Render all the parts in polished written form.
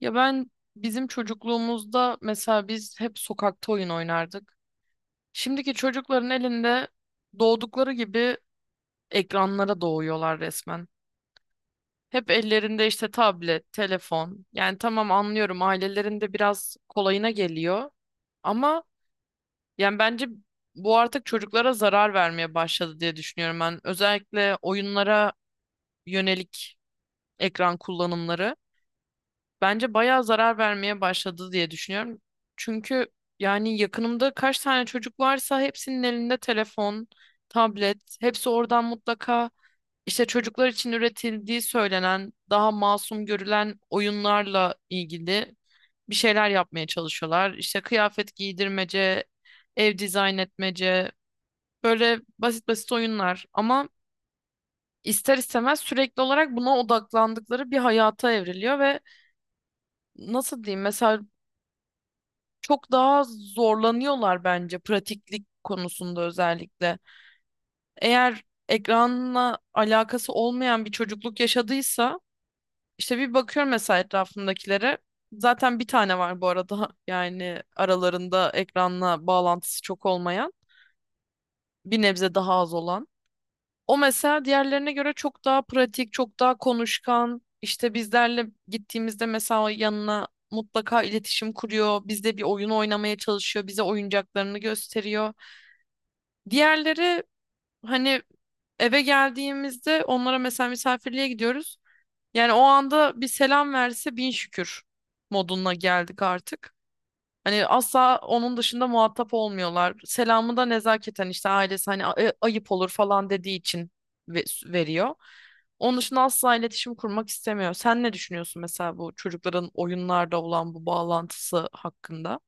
Ya ben bizim çocukluğumuzda mesela biz hep sokakta oyun oynardık. Şimdiki çocukların elinde doğdukları gibi ekranlara doğuyorlar resmen. Hep ellerinde işte tablet, telefon. Yani tamam anlıyorum ailelerinde biraz kolayına geliyor. Ama yani bence bu artık çocuklara zarar vermeye başladı diye düşünüyorum ben. Özellikle oyunlara yönelik ekran kullanımları. Bence bayağı zarar vermeye başladı diye düşünüyorum. Çünkü yani yakınımda kaç tane çocuk varsa hepsinin elinde telefon, tablet, hepsi oradan mutlaka işte çocuklar için üretildiği söylenen, daha masum görülen oyunlarla ilgili bir şeyler yapmaya çalışıyorlar. İşte kıyafet giydirmece, ev dizayn etmece, böyle basit basit oyunlar ama ister istemez sürekli olarak buna odaklandıkları bir hayata evriliyor ve nasıl diyeyim mesela çok daha zorlanıyorlar bence pratiklik konusunda özellikle. Eğer ekranla alakası olmayan bir çocukluk yaşadıysa işte bir bakıyorum mesela etrafımdakilere. Zaten bir tane var bu arada yani aralarında ekranla bağlantısı çok olmayan, bir nebze daha az olan. O mesela diğerlerine göre çok daha pratik, çok daha konuşkan. İşte bizlerle gittiğimizde mesela yanına mutlaka iletişim kuruyor. Bizde bir oyun oynamaya çalışıyor. Bize oyuncaklarını gösteriyor. Diğerleri hani eve geldiğimizde onlara mesela misafirliğe gidiyoruz. Yani o anda bir selam verse bin şükür moduna geldik artık. Hani asla onun dışında muhatap olmuyorlar. Selamı da nezaketen işte ailesi hani ayıp olur falan" dediği için veriyor. Onun dışında asla iletişim kurmak istemiyor. Sen ne düşünüyorsun mesela bu çocukların oyunlarda olan bu bağlantısı hakkında?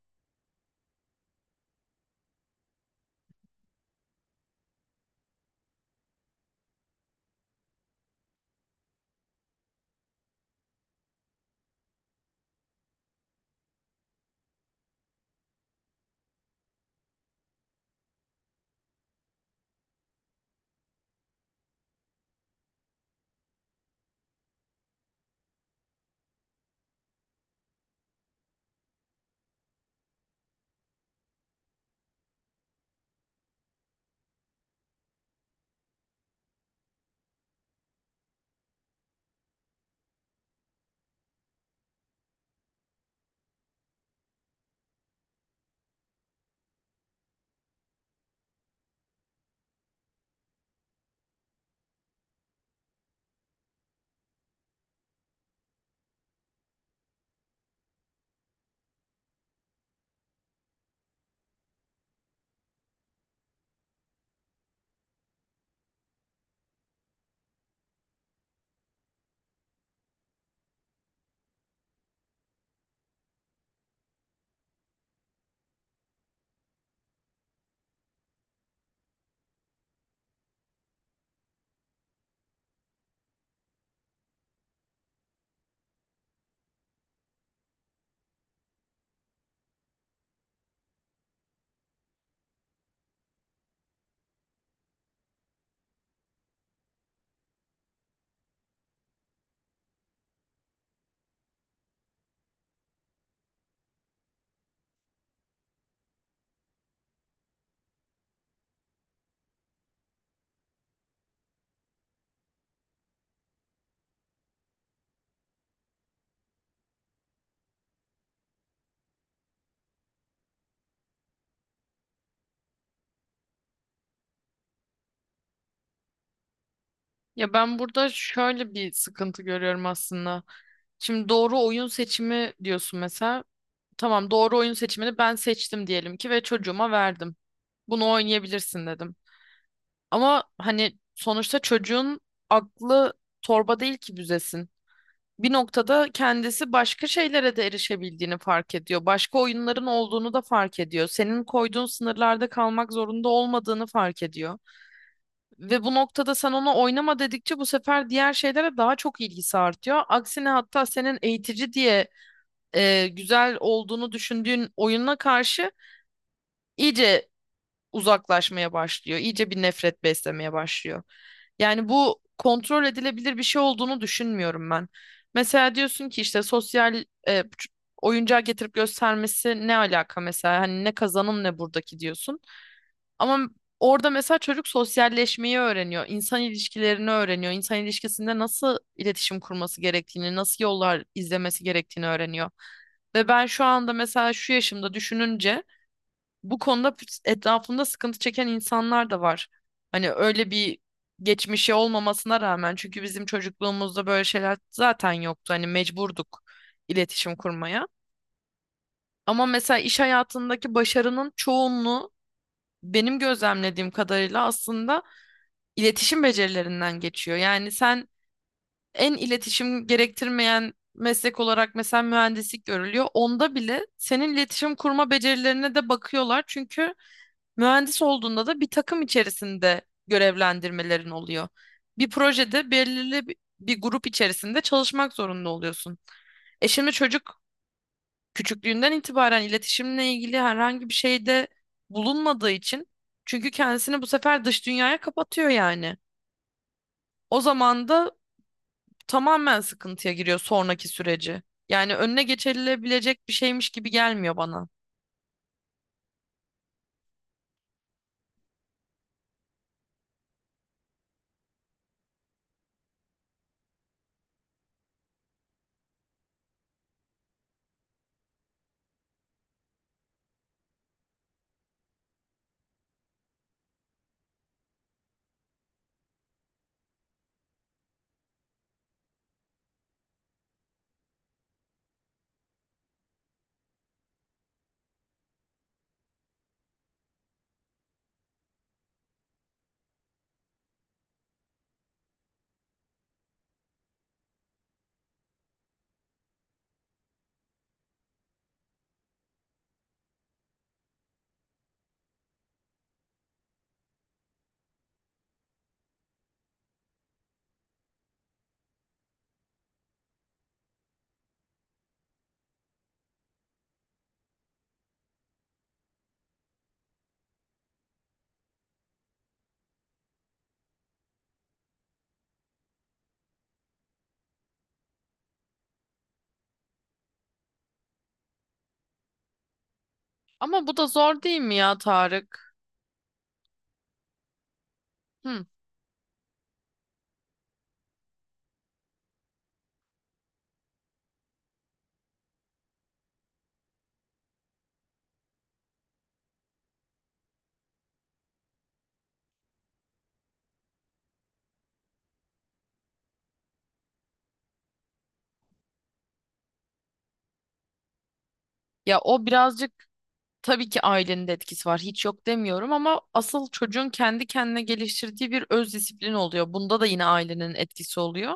Ya ben burada şöyle bir sıkıntı görüyorum aslında. Şimdi doğru oyun seçimi diyorsun mesela. Tamam doğru oyun seçimini ben seçtim diyelim ki ve çocuğuma verdim. Bunu oynayabilirsin dedim. Ama hani sonuçta çocuğun aklı torba değil ki büzesin. Bir noktada kendisi başka şeylere de erişebildiğini fark ediyor. Başka oyunların olduğunu da fark ediyor. Senin koyduğun sınırlarda kalmak zorunda olmadığını fark ediyor. Ve bu noktada sen ona oynama dedikçe bu sefer diğer şeylere daha çok ilgisi artıyor. Aksine hatta senin eğitici diye güzel olduğunu düşündüğün oyununa karşı iyice uzaklaşmaya başlıyor. İyice bir nefret beslemeye başlıyor. Yani bu kontrol edilebilir bir şey olduğunu düşünmüyorum ben. Mesela diyorsun ki işte sosyal oyuncağı getirip göstermesi ne alaka mesela? Hani ne kazanım ne buradaki diyorsun. Ama orada mesela çocuk sosyalleşmeyi öğreniyor, insan ilişkilerini öğreniyor, insan ilişkisinde nasıl iletişim kurması gerektiğini, nasıl yollar izlemesi gerektiğini öğreniyor. Ve ben şu anda mesela şu yaşımda düşününce bu konuda etrafımda sıkıntı çeken insanlar da var. Hani öyle bir geçmişi olmamasına rağmen çünkü bizim çocukluğumuzda böyle şeyler zaten yoktu. Hani mecburduk iletişim kurmaya. Ama mesela iş hayatındaki başarının çoğunluğu benim gözlemlediğim kadarıyla aslında iletişim becerilerinden geçiyor. Yani sen en iletişim gerektirmeyen meslek olarak mesela mühendislik görülüyor. Onda bile senin iletişim kurma becerilerine de bakıyorlar. Çünkü mühendis olduğunda da bir takım içerisinde görevlendirmelerin oluyor. Bir projede belirli bir grup içerisinde çalışmak zorunda oluyorsun. E şimdi çocuk küçüklüğünden itibaren iletişimle ilgili herhangi bir şeyde bulunmadığı için çünkü kendisini bu sefer dış dünyaya kapatıyor yani. O zaman da tamamen sıkıntıya giriyor sonraki süreci. Yani önüne geçilebilecek bir şeymiş gibi gelmiyor bana. Ama bu da zor değil mi ya Tarık? Hı. Ya o birazcık tabii ki ailenin de etkisi var. Hiç yok demiyorum ama asıl çocuğun kendi kendine geliştirdiği bir öz disiplin oluyor. Bunda da yine ailenin etkisi oluyor.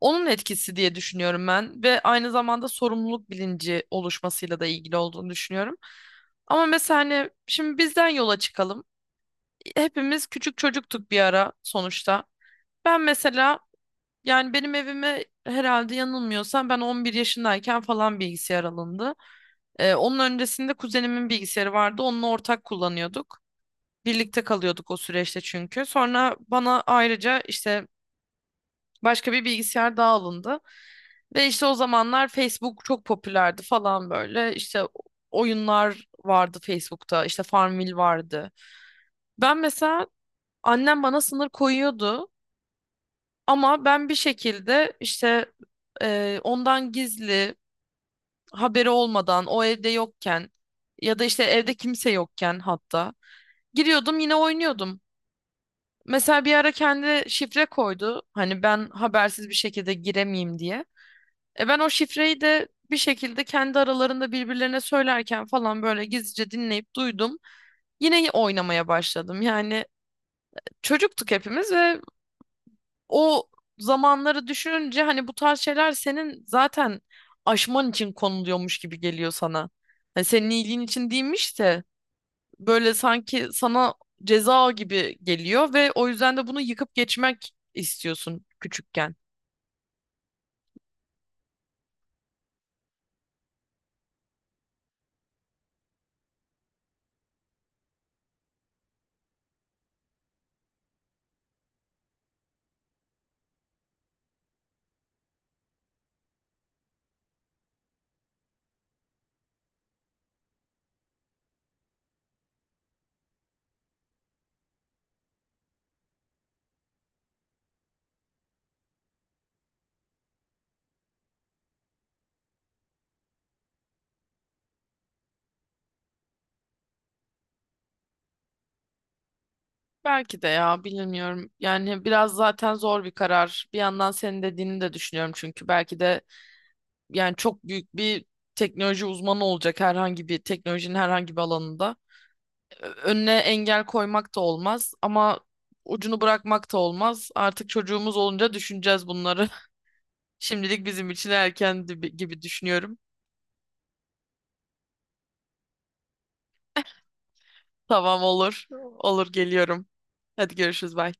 Onun etkisi diye düşünüyorum ben ve aynı zamanda sorumluluk bilinci oluşmasıyla da ilgili olduğunu düşünüyorum. Ama mesela hani şimdi bizden yola çıkalım. Hepimiz küçük çocuktuk bir ara sonuçta. Ben mesela yani benim evime herhalde yanılmıyorsam ben 11 yaşındayken falan bilgisayar alındı. Onun öncesinde kuzenimin bilgisayarı vardı. Onunla ortak kullanıyorduk. Birlikte kalıyorduk o süreçte çünkü. Sonra bana ayrıca işte başka bir bilgisayar daha alındı. Ve işte o zamanlar Facebook çok popülerdi falan böyle. İşte oyunlar vardı Facebook'ta. İşte Farmville vardı. Ben mesela annem bana sınır koyuyordu. Ama ben bir şekilde işte ondan gizli haberi olmadan o evde yokken ya da işte evde kimse yokken hatta giriyordum yine oynuyordum. Mesela bir ara kendi şifre koydu. Hani ben habersiz bir şekilde giremeyeyim diye. E ben o şifreyi de bir şekilde kendi aralarında birbirlerine söylerken falan böyle gizlice dinleyip duydum. Yine oynamaya başladım. Yani çocuktuk hepimiz ve o zamanları düşününce hani bu tarz şeyler senin zaten aşman için konuluyormuş gibi geliyor sana. Hani senin iyiliğin için değilmiş de böyle sanki sana ceza gibi geliyor ve o yüzden de bunu yıkıp geçmek istiyorsun küçükken. Belki de ya bilmiyorum. Yani biraz zaten zor bir karar. Bir yandan senin dediğini de düşünüyorum çünkü belki de yani çok büyük bir teknoloji uzmanı olacak herhangi bir teknolojinin herhangi bir alanında. Önüne engel koymak da olmaz ama ucunu bırakmak da olmaz. Artık çocuğumuz olunca düşüneceğiz bunları. Şimdilik bizim için erken gibi gibi düşünüyorum. Tamam olur. Olur geliyorum. Hadi görüşürüz. Bye.